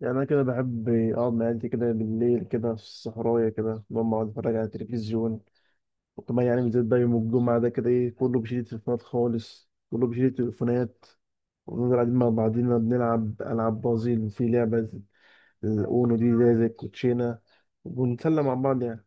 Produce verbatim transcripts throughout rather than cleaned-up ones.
يعني أنا كده بحب أقعد مع عيلتي كده بالليل كده في الصحراية كده بقعد أقعد أتفرج على التلفزيون. وكمان يعني بالذات ده يوم الجمعة ده كده إيه، كله بيشيل التليفونات خالص، كله بيشيل التليفونات. ونفضل قاعدين مع بعضينا بنلعب ألعاب بازل، في لعبة الأونو دي زي زي الكوتشينة، ونتسلى مع بعض يعني.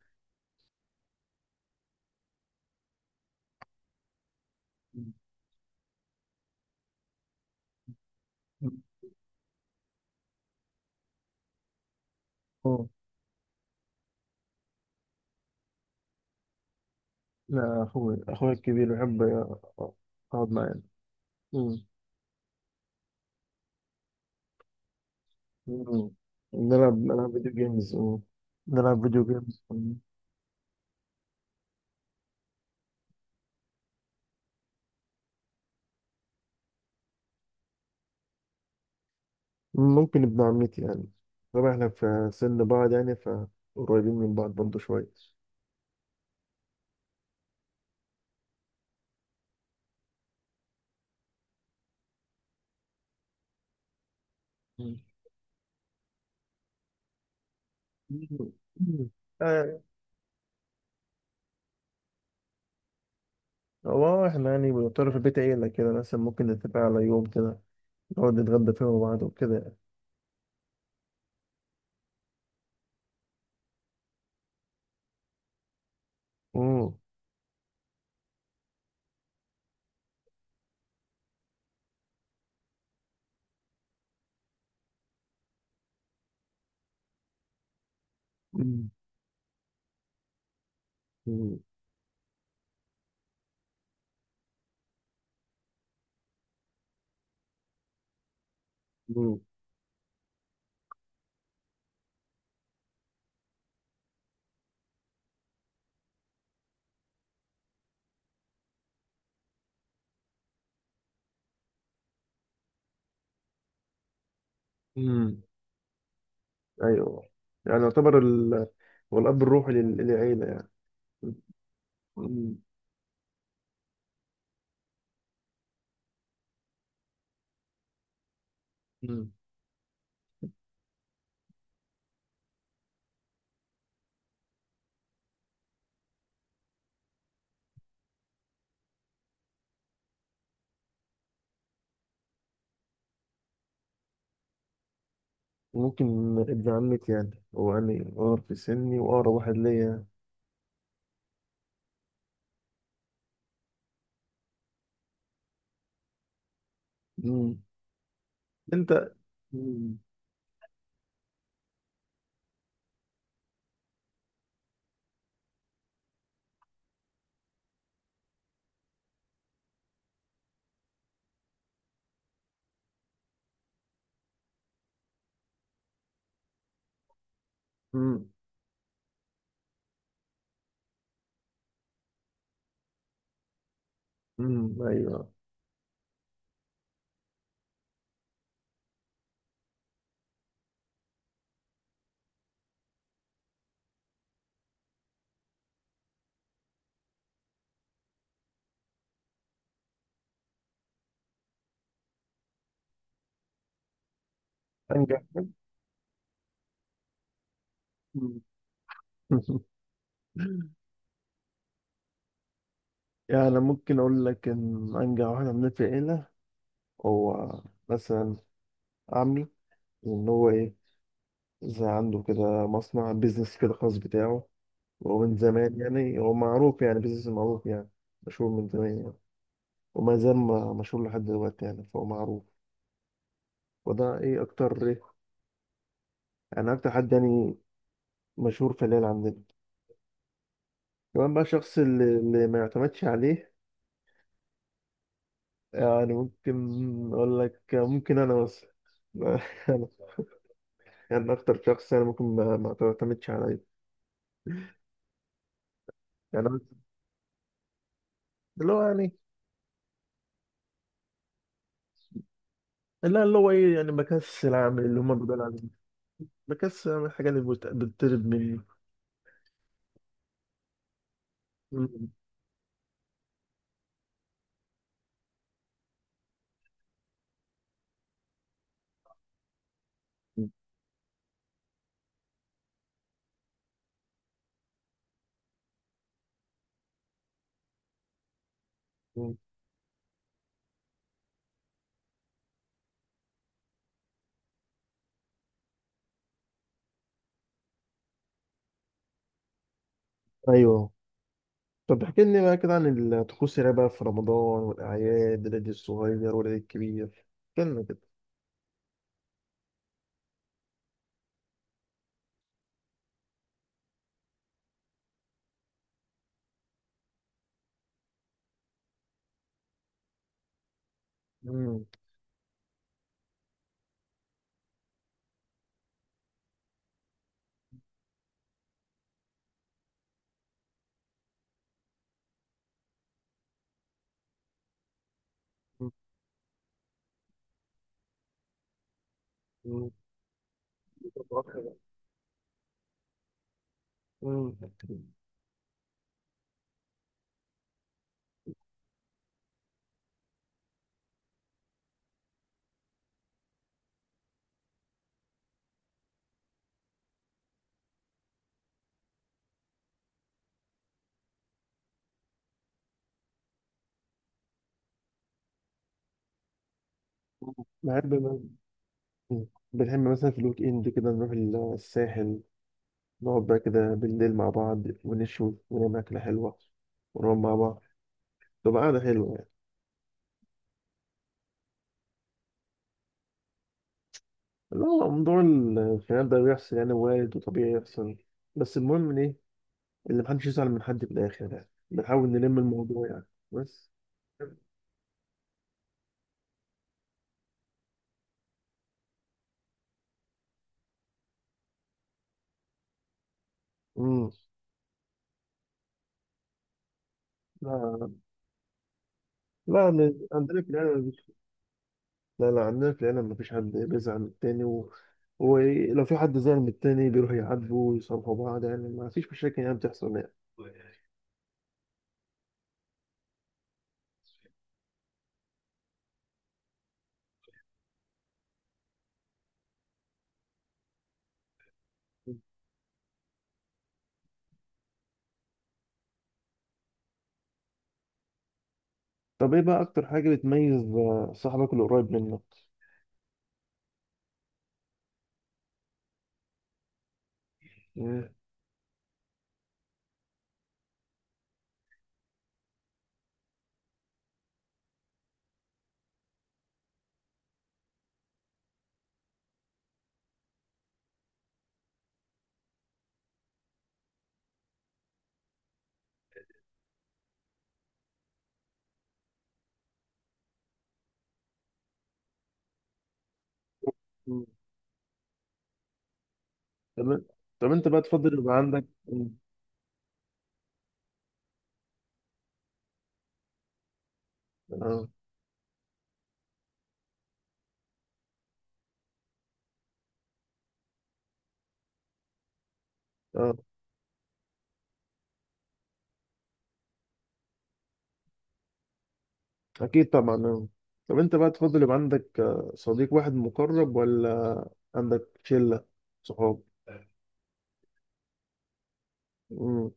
أه، لا، أخويا أخويا الكبير بحب أقعد معاه يعني. مم. مم. نلعب نلعب فيديو جيمز. مم. نلعب فيديو جيمز. ممكن ابن عمتي يعني، طبعا احنا في سن بعض يعني، فقريبين من بعض برضه شوية. مم. مم. آه، هو احنا يعني بنضطر في البيت عيلة كده، مثلا ممكن نتفق على يوم كده نقعد نتغدى فيه مع بعض وكده يعني. مم. مم. مم. مم. مم. أيوه. يعني يعتبر ال... هو الأب الروحي لل- للعيلة يعني. مم. مم. ممكن ابن عمتي يعني، هو يعني أقرب في سني وأقرب واحد ليا يعني. مم. أنت. مم. امم ايوه. انجح. مم. يعني ممكن اقول لك ان انجح واحد عندنا في العيله هو مثلا عمي، ان هو ايه، زي عنده كده مصنع بيزنس كده خاص بتاعه. وهو من زمان يعني، هو معروف يعني، بيزنس معروف يعني، مشهور من زمان يعني. وما زال م- مشهور لحد دلوقتي يعني، فهو معروف. وده ايه اكتر ايه، يعني اكتر حد يعني مشهور في العيله عندنا. كمان بقى الشخص اللي, اللي ما يعتمدش عليه، يعني ممكن أقول لك، ممكن أنا مثلا. أنا يعني أكتر شخص يعني ممكن ما, ما تعتمدش عليا. يعني أنا اللي هو يعني، لا، اللي هو إيه، يعني بكسل أعمل اللي هما بيقولوا عليه، بكسل أعمل الحاجة اللي بت- بتطلب مني. م- م- أيوه. طب احكي لي بقى كده عن الطقوس اللي بقى في رمضان والأعياد، العيد الصغير والعيد الكبير، احكي لنا كده. م- م- م- م- بحب بحب مثلا في الويك إند كده نروح الساحل، نقعد بقى كده بالليل مع بعض ونشوي ونعمل أكلة حلوة ونقعد مع بعض، تبقى قعدة حلوة يعني. اللي هو موضوع الخيال ده بيحصل يعني، وارد وطبيعي يحصل، بس المهم إن إيه اللي محدش يزعل من حد في الآخر، يعني بنحاول نلم الموضوع يعني. بس. امم لا، لا. م- عندنا في العيلة مفيش- لا، لا، عندنا في العيلة مفيش حد بيزعل من التاني و... ولو في حد زعل من التاني بيروح يعاتبه ويصالحوا بعض، يعني مفيش مشاكل يعني بتحصل يعني. طب ايه بقى اكتر حاجة بتميز آه، صاحبك اللي قريب منك؟ مم. مم. طب طب انت بقى تفضل يبقى عندك. مم. اه، اه، اكيد طبعا آه. طب انت بقى تفضل يبقى عندك آه، صديق واحد مقرب، ولا عندك شلة صحاب؟ مم.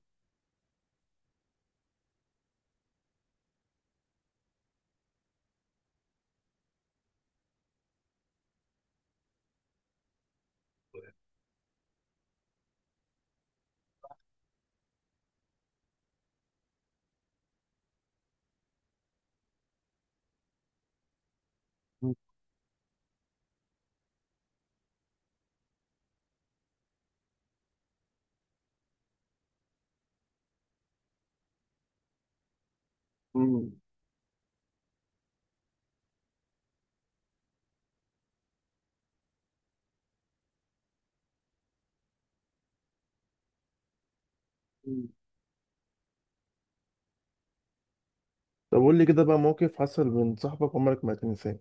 مم. مم. طب قول لي كده بقى موقف حصل من صاحبك عمرك ما هتنساه.